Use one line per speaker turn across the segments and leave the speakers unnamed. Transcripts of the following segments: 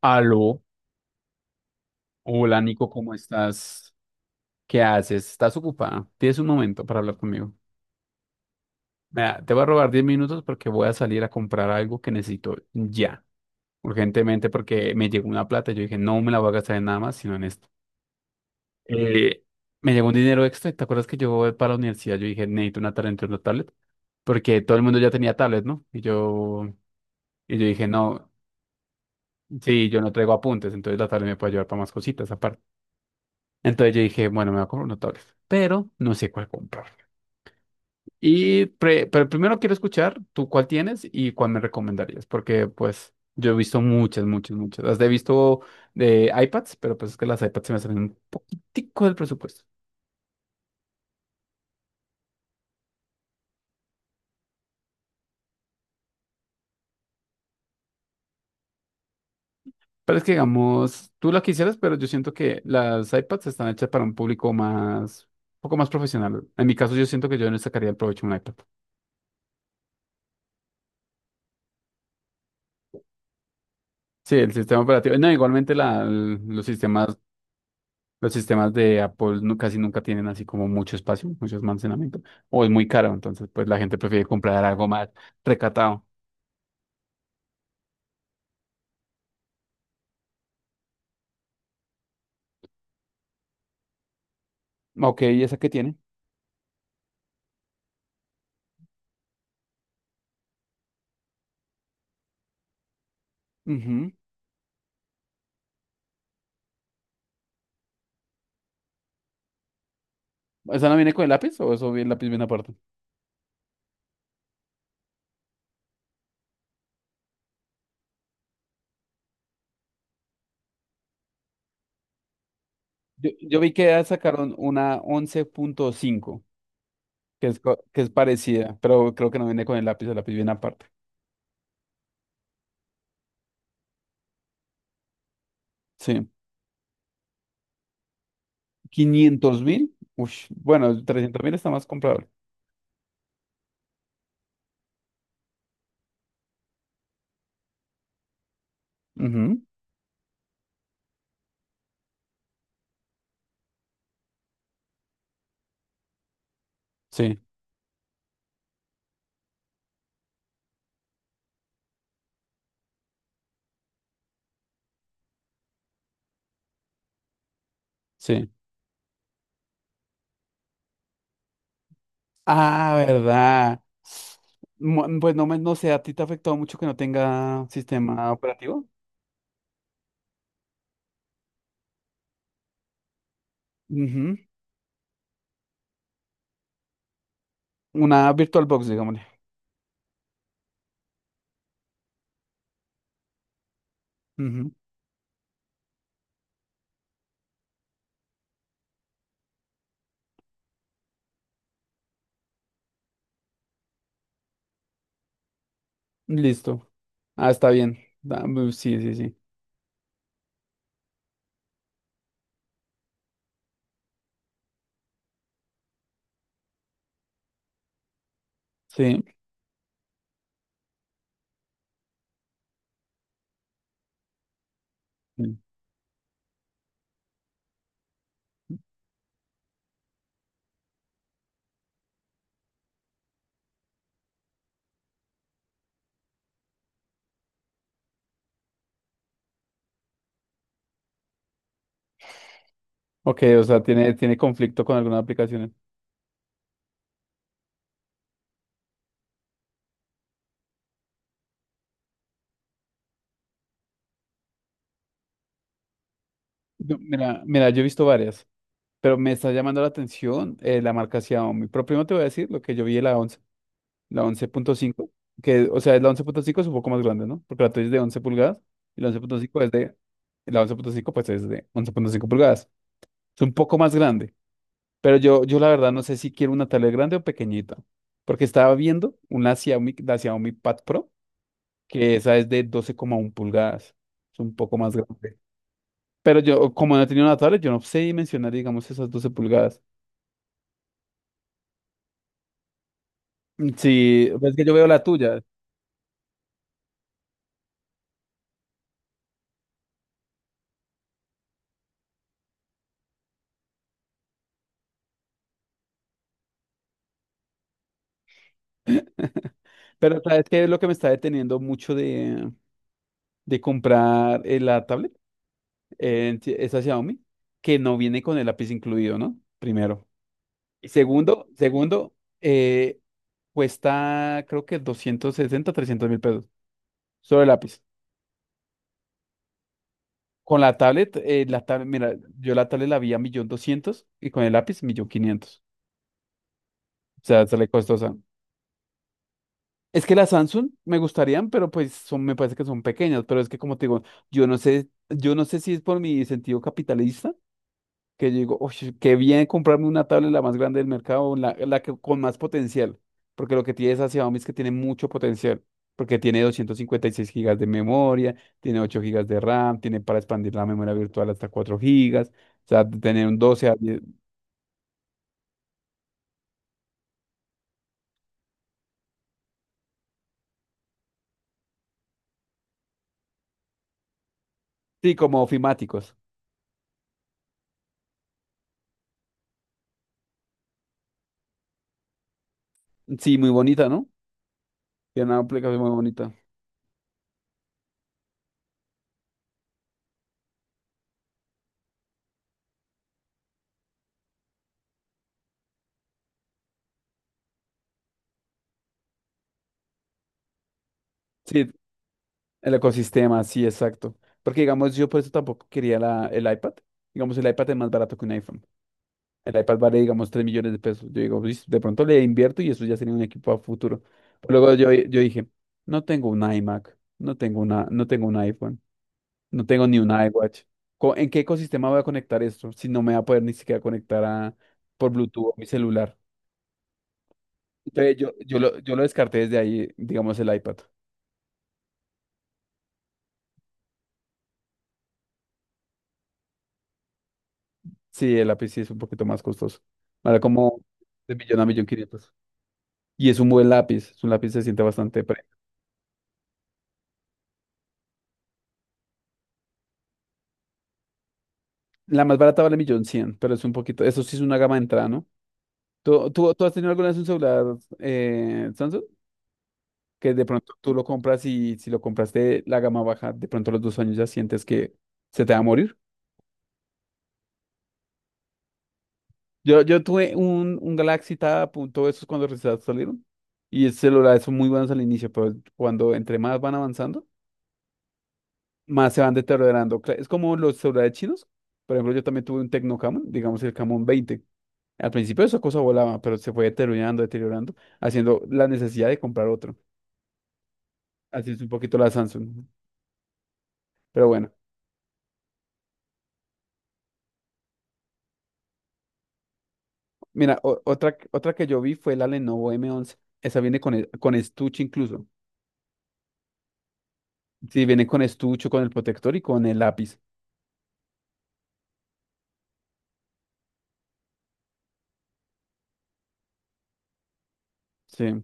Aló, hola Nico, ¿cómo estás? ¿Qué haces? ¿Estás ocupada? ¿Tienes un momento para hablar conmigo? Mira, te voy a robar 10 minutos porque voy a salir a comprar algo que necesito ya, urgentemente, porque me llegó una plata y yo dije, no me la voy a gastar en nada más, sino en esto. Eh, me llegó un dinero extra y ¿te acuerdas que yo voy para la universidad? Yo dije, necesito una tablet, porque todo el mundo ya tenía tablet, ¿no? Y yo dije, no, sí, yo no traigo apuntes, entonces la tablet me puede ayudar para más cositas aparte. Entonces yo dije, bueno, me voy a comprar una tablet, pero no sé cuál comprar. Y pero primero quiero escuchar tú cuál tienes y cuál me recomendarías, porque pues yo he visto muchas, muchas, muchas. Las he visto de iPads, pero pues es que las iPads se me salen un poquitico del presupuesto. Pero es que digamos, tú la quisieras, pero yo siento que las iPads están hechas para un público más, un poco más profesional. En mi caso, yo siento que yo no sacaría el provecho de un iPad. Sí, el sistema operativo. No, igualmente la, los sistemas Los sistemas de Apple casi nunca tienen así como mucho espacio, mucho almacenamiento, o es muy caro, entonces pues la gente prefiere comprar algo más recatado. Ok, ¿y esa qué tiene? Ujú. ¿Esa no viene con el lápiz o el lápiz viene aparte? Yo vi que ya sacaron una 11.5 que es, que es parecida, pero creo que no viene con el lápiz viene aparte. Sí. 500.000, Ush. Bueno, 300.000 está más comprable. Ujú, sí, sí. Ah, ¿verdad? Pues no, no sé, ¿a ti te ha afectado mucho que no tenga sistema operativo? Ujú. Una VirtualBox, digámosle. Ujú. Listo. Ah, está bien. Sí, sí, sí. Sí. Sí. Ok, o sea, tiene conflicto con algunas aplicaciones. No, mira, mira, yo he visto varias, pero me está llamando la atención la marca Xiaomi. Pero primero te voy a decir lo que yo vi de la 11. La 11.5 que, o sea, es la 11.5 es un poco más grande, ¿no? Porque la tuya es de 11 pulgadas y la 11.5 pues es de 11.5 pulgadas. Es un poco más grande, pero yo la verdad no sé si quiero una tablet grande o pequeñita, porque estaba viendo una Xiaomi, la Xiaomi Pad Pro, que esa es de 12,1 pulgadas, es un poco más grande. Pero yo, como no he tenido una tablet, yo no sé dimensionar, digamos, esas 12 pulgadas. Sí, pues, es que yo veo la tuya. Pero sabes qué es lo que me está deteniendo mucho de comprar la tablet, esa Xiaomi, que no viene con el lápiz incluido, ¿no? Primero. Y segundo, eh, cuesta creo que 260 300.000 pesos, solo el lápiz. Con la tablet, mira, yo la tablet la vi a millón doscientos y con el lápiz millón quinientos. O sea, sale costosa. Es que las Samsung me gustarían, pero pues son, me parece que son pequeñas, pero es que como te digo, yo no sé si es por mi sentido capitalista que yo digo, "Ush, qué bien comprarme una tablet la más grande del mercado, con más potencial, porque lo que tiene esa Xiaomi es que tiene mucho potencial, porque tiene 256 gigas de memoria, tiene 8 gigas de RAM, tiene para expandir la memoria virtual hasta 4 gigas, o sea, tener un 12 a 10, sí, como ofimáticos. Sí, muy bonita, ¿no? Tiene una aplicación muy bonita. Sí, el ecosistema, sí, exacto. Porque digamos, yo por eso tampoco quería el iPad. Digamos, el iPad es más barato que un iPhone. El iPad vale, digamos, 3 millones de pesos. Yo digo, "Uy, de pronto le invierto y eso ya sería un equipo a futuro. Luego yo dije, no tengo un iMac, no tengo un iPhone, no tengo ni un iWatch. ¿En qué ecosistema voy a conectar esto si no me va a poder ni siquiera conectar por Bluetooth a mi celular? Entonces yo lo descarté desde ahí, digamos, el iPad. Sí, el lápiz sí es un poquito más costoso. Vale como de millón a millón quinientos. Y es un buen lápiz, es un lápiz que se siente bastante. La más barata vale millón cien, pero es un poquito, eso sí es una gama de entrada, ¿no? ¿Tú has tenido alguna vez un celular Samsung? Que de pronto tú lo compras y si lo compraste la gama baja, de pronto a los 2 años ya sientes que se te va a morir. Yo tuve un Galaxy Tab, punto, esos cuando recién salieron. Y esos celulares son muy buenos al inicio, pero cuando entre más van avanzando, más se van deteriorando. Es como los celulares chinos. Por ejemplo, yo también tuve un Tecno Camon, digamos el Camon 20. Al principio esa cosa volaba, pero se fue deteriorando, deteriorando, haciendo la necesidad de comprar otro. Así es un poquito la Samsung. Pero bueno, mira, otra que yo vi fue la Lenovo M11. Esa viene con estuche incluso. Sí, viene con estuche, con el protector y con el lápiz. Sí.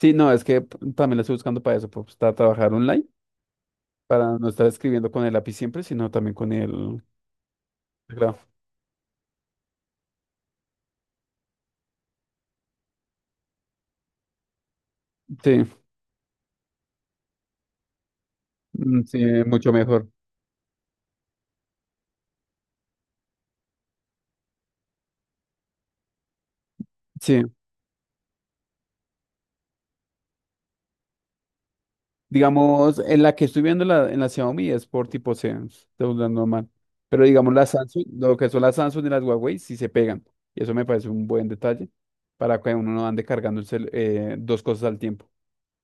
Sí, no, es que también la estoy buscando para eso, pues, para trabajar online, para no estar escribiendo con el lápiz siempre, sino también con el teclado. Sí, mm, sí, mucho mejor. Sí, digamos, en la que estoy viendo en la Xiaomi es por tipo C, estoy hablando mal. Pero digamos, lo que son las Samsung y las Huawei sí se pegan. Y eso me parece un buen detalle para que uno no ande cargando dos cosas al tiempo.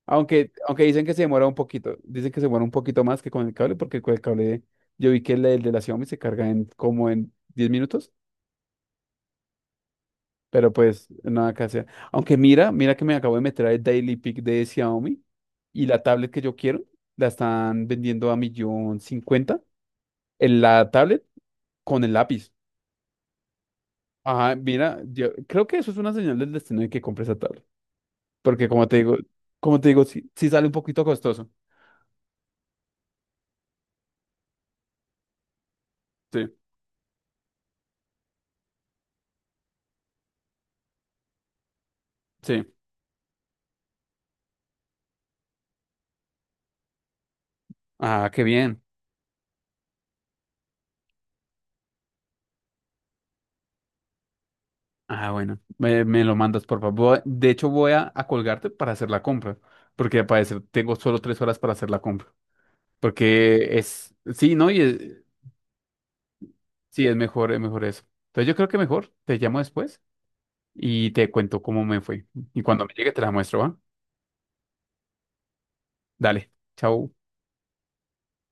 Aunque dicen que se demora un poquito, dicen que se demora un poquito más que con el cable, porque con el cable yo vi que el de la Xiaomi se carga en como en 10 minutos, pero pues nada que hacer. Aunque mira, mira que me acabo de meter al Daily Pick de Xiaomi y la tablet que yo quiero la están vendiendo a millón cincuenta, en la tablet con el lápiz. Ajá, mira, yo creo que eso es una señal del destino de que compres esa tablet. Porque como te digo, sí, sí sale un poquito costoso. Sí, sí. Ah, qué bien. Ah, bueno, me lo mandas, por favor. De hecho, voy a colgarte para hacer la compra. Porque al parecer tengo solo 3 horas para hacer la compra. Porque es, sí, ¿no? Sí, es mejor eso. Entonces yo creo que mejor te llamo después y te cuento cómo me fue. Y cuando me llegue te la muestro, ¿va? Dale, chao.